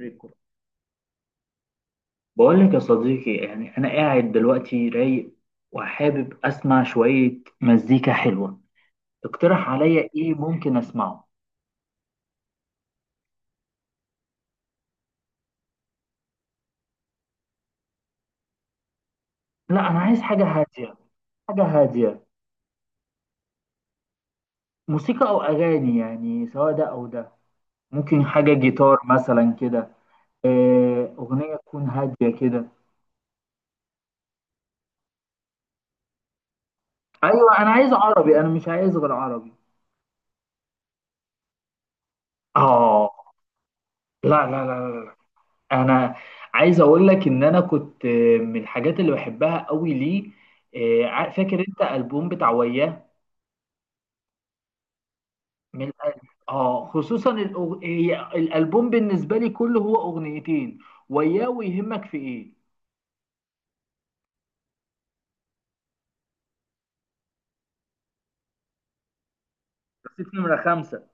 ريكورد. بقول لك يا صديقي، يعني انا قاعد دلوقتي رايق وحابب اسمع شوية مزيكا حلوة. اقترح عليا ايه ممكن اسمعه؟ لا، انا عايز حاجة هادية. حاجة هادية. موسيقى او اغاني، يعني سواء ده او ده. ممكن حاجة جيتار مثلا كده. اغنية تكون هادية كده. ايوه، انا عايز عربي، انا مش عايز غير عربي. اه. لا لا لا لا. انا عايز اقول لك ان انا كنت من الحاجات اللي بحبها قوي ليه. فاكر انت البوم بتاع وياه؟ من اه خصوصا هي الالبوم بالنسبه لي كله هو اغنيتين: وياه، ويهمك في ايه. رصيف نمرة 5.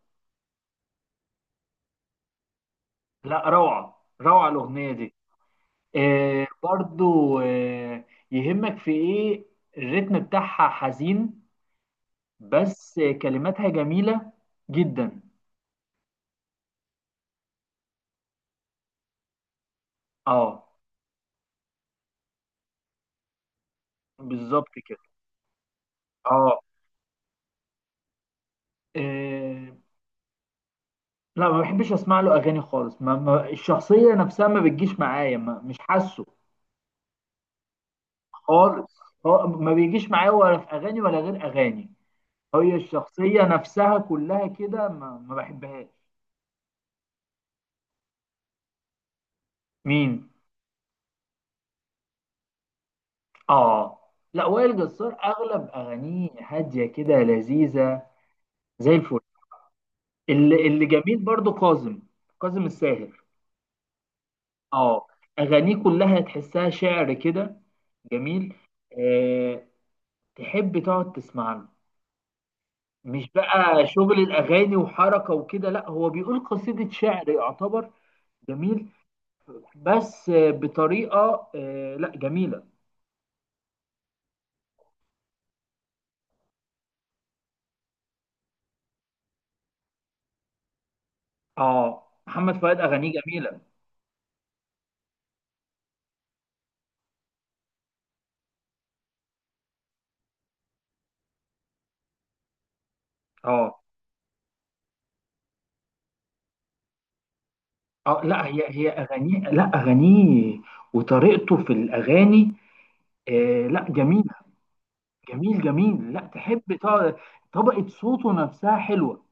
لا، روعه روعه الاغنيه دي. آه، برضو، آه. يهمك في ايه، الريتم بتاعها حزين بس كلماتها جميله جدا. اه، بالظبط كده، اه. آه، لا، ما بحبش اسمع له اغاني خالص، ما الشخصيه نفسها ما بتجيش معايا، ما، مش حاسه. خالص. هو ما بيجيش معايا ولا في اغاني ولا غير اغاني، هي الشخصيه نفسها كلها كده ما بحبهاش. مين؟ اه. لا، وائل جسار اغلب اغانيه هاديه كده، لذيذه زي الفل. اللي جميل برضو كاظم. كاظم الساهر. اه. اغانيه كلها تحسها شعر كده، جميل. آه، تحب تقعد تسمع له. مش بقى شغل الاغاني وحركه وكده، لا، هو بيقول قصيده شعر يعتبر، جميل. بس بطريقه، لا، جميله. اه، محمد فؤاد اغانيه جميله. اه. اه، لا، هي هي اغانيه، لا اغانيه وطريقته في الاغاني، لا، جميله. جميل جميل، لا، تحب طبقه صوته نفسها حلوه.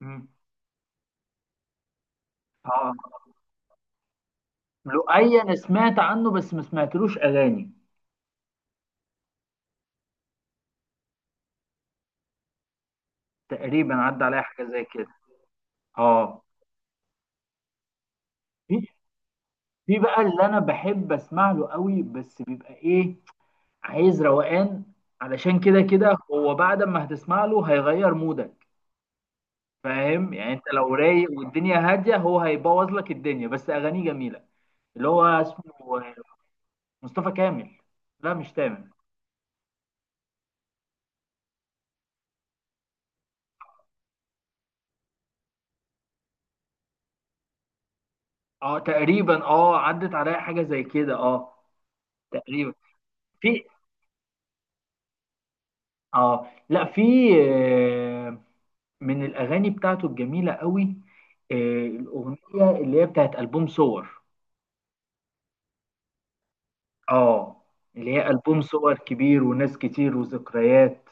مم. اه، لؤي انا سمعت عنه بس ما سمعتلوش اغاني. تقريبا عدى عليا حاجه زي كده، اه. في في بقى اللي انا بحب اسمع له قوي بس بيبقى ايه، عايز روقان، علشان كده كده هو بعد ما هتسمع له هيغير مودك. فاهم يعني، انت لو رايق والدنيا هاديه هو هيبوظ لك الدنيا، بس اغانيه جميله. اللي هو اسمه آه، مصطفى كامل، لا مش تامر. اه، تقريبا، اه، عدت عليا حاجه زي كده، اه، تقريبا. في. اه، لا، في، آه، من الاغاني بتاعته الجميله قوي، آه، الاغنيه اللي هي بتاعت البوم صور. اه، اللي هي ألبوم صور كبير وناس كتير وذكريات،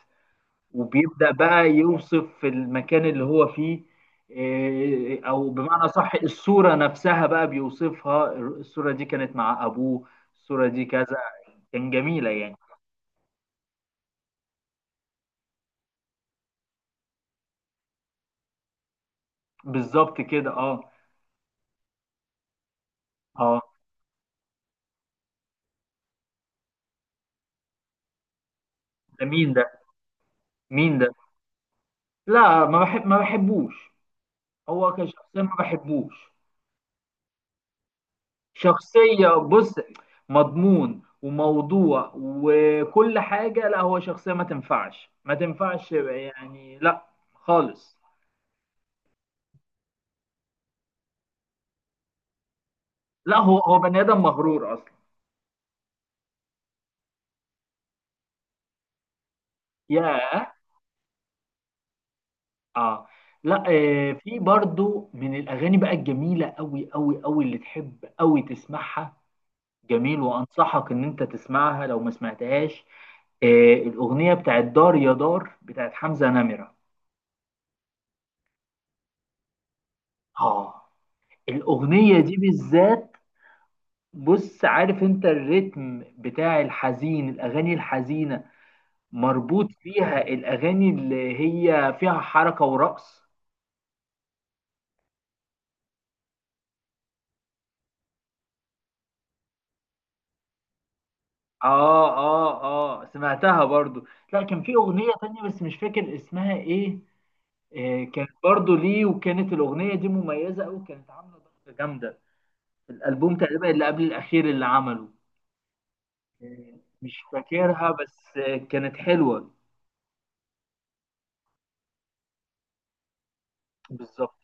وبيبدأ بقى يوصف المكان اللي هو فيه. او بمعنى صح، الصورة نفسها بقى بيوصفها، الصورة دي كانت مع ابوه، الصورة دي كذا، كان جميلة يعني. بالظبط كده، اه. اه. ده مين ده؟ مين ده؟ لا، ما بحب، ما بحبوش، هو كشخصيا ما بحبوش. شخصية بص، مضمون وموضوع وكل حاجة، لا، هو شخصية ما تنفعش، ما تنفعش يعني، لا، خالص. لا، هو هو بني آدم مغرور أصلا. ياه. اه. لا، في برضو من الأغاني بقى الجميلة أوي أوي أوي اللي تحب أوي تسمعها، جميل، وأنصحك إن أنت تسمعها لو ما سمعتهاش. آه، الأغنية بتاعت دار يا دار بتاعت حمزة نمرة. اه، الأغنية دي بالذات، بص، عارف انت الريتم بتاع الحزين، الاغاني الحزينه مربوط فيها الاغاني اللي هي فيها حركه ورقص. اه اه اه، سمعتها برضو. لا، كان في اغنيه تانية بس مش فاكر اسمها ايه. آه، كانت برضو ليه، وكانت الاغنيه دي مميزه قوي، كانت عامله ضجه جامده في الالبوم تقريبا اللي قبل الاخير اللي عمله. آه، مش فاكرها بس آه كانت حلوه. بالظبط.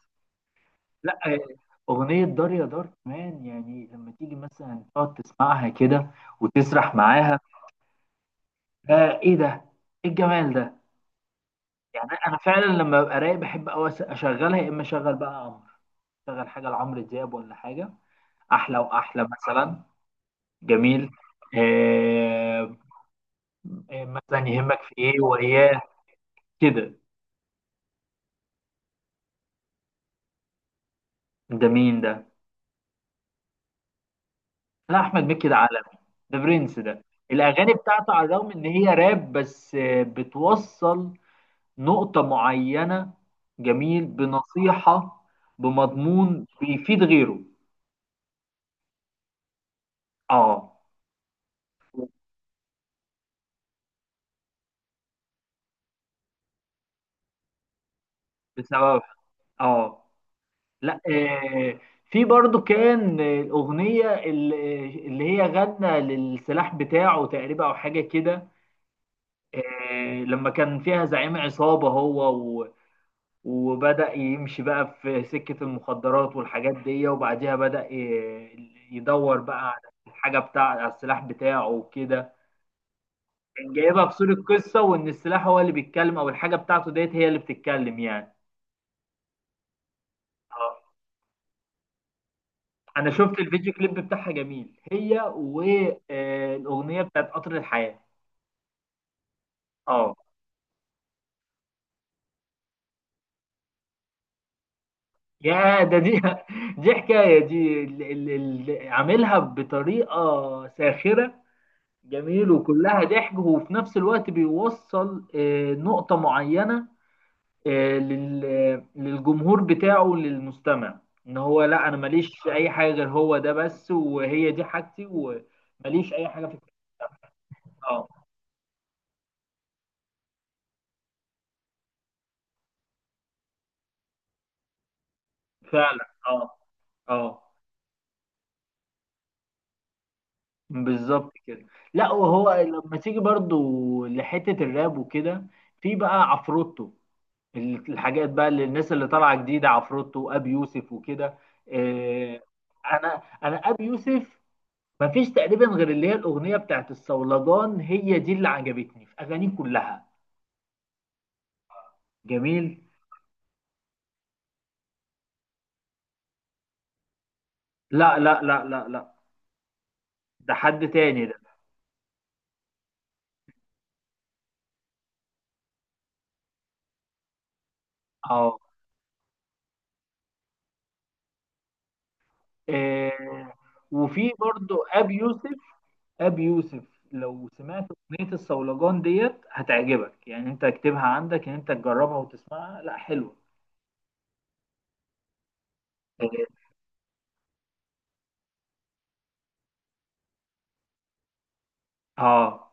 لا، أغنية دار يا دار كمان، يعني لما تيجي مثلا تقعد تسمعها كده وتسرح معاها، آه، إيه ده؟ إيه الجمال ده؟ يعني أنا فعلا لما ببقى رايق بحب أوي أشغلها، يا إما أشغل بقى عمرو، أشغل حاجة لعمرو دياب ولا حاجة أحلى وأحلى مثلا. جميل. آه. مثلا يهمك في إيه وإياه كده. ده مين ده؟ لا، أحمد مكي ده عالمي، ده برنس ده. الأغاني بتاعته على الرغم إن هي راب بس بتوصل نقطة معينة، جميل، بنصيحة، بمضمون بيفيد غيره. اه. بسبب. اه. لا. آه. في برضو كان الأغنية اللي هي غنى للسلاح بتاعه تقريبا أو حاجة كده، لما كان فيها زعيم عصابة، هو و... وبدأ يمشي بقى في سكة المخدرات والحاجات دي، وبعديها بدأ يدور بقى على الحاجة بتاع على السلاح بتاعه وكده، جايبها في صورة قصة، وإن السلاح هو اللي بيتكلم أو الحاجة بتاعته ديت هي اللي بتتكلم يعني. اه. أنا شفت الفيديو كليب بتاعها جميل، هي والأغنية بتاعت قطر الحياة. اه. يا ده دي، دي حكاية، دي عاملها بطريقة ساخرة، جميل وكلها ضحك، وفي نفس الوقت بيوصل نقطة معينة، للجمهور بتاعه، للمستمع، ان هو لا، انا ماليش في اي حاجه غير هو ده بس، وهي دي حاجتي، وماليش اي حاجه في. اه فعلا، اه. اه بالظبط كده. لا، وهو لما تيجي برضو لحته الراب وكده، في بقى عفروتو، الحاجات بقى اللي الناس اللي طالعه جديده، عفروتو وابي يوسف وكده، آه، انا انا ابي يوسف مفيش تقريبا غير اللي هي الاغنيه بتاعت الصولجان، هي دي اللي عجبتني في اغانيه كلها، جميل. لا لا لا لا لا، ده حد تاني ده. اه. آه، وفي برضو ابي يوسف، ابي يوسف لو سمعت اغنيه الصولجان ديت هتعجبك، يعني انت اكتبها عندك ان انت تجربها وتسمعها، لا، حلوه. اه اه.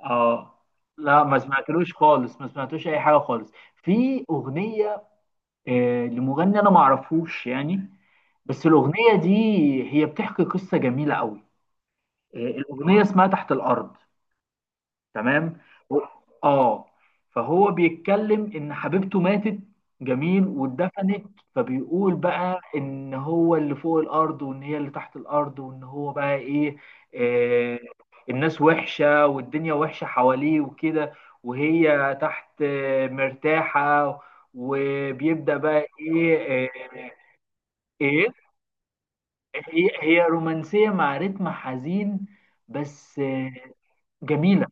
آه. لا، ما سمعتلوش خالص، ما سمعتلوش اي حاجه خالص في اغنيه، لمغني انا ما اعرفوش يعني، بس الاغنيه دي هي بتحكي قصه جميله قوي، الاغنيه اسمها تحت الارض. تمام. و. اه. فهو بيتكلم ان حبيبته ماتت، جميل، واتدفنت، فبيقول بقى ان هو اللي فوق الارض وان هي اللي تحت الارض، وان هو بقى ايه، آه، الناس وحشه والدنيا وحشه حواليه وكده، وهي تحت مرتاحه، وبيبدأ بقى ايه. آه، ايه. هي هي رومانسيه مع رتم حزين بس، جميله.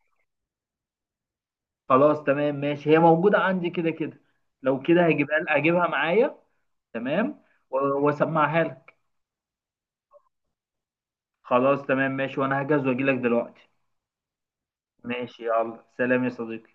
خلاص تمام ماشي، هي موجوده عندي كده كده، لو كده هجيبها، اجيبها معايا. تمام. واسمعها لك. خلاص تمام ماشي، وانا هجهز واجي لك دلوقتي. ماشي، يلا سلام يا صديقي.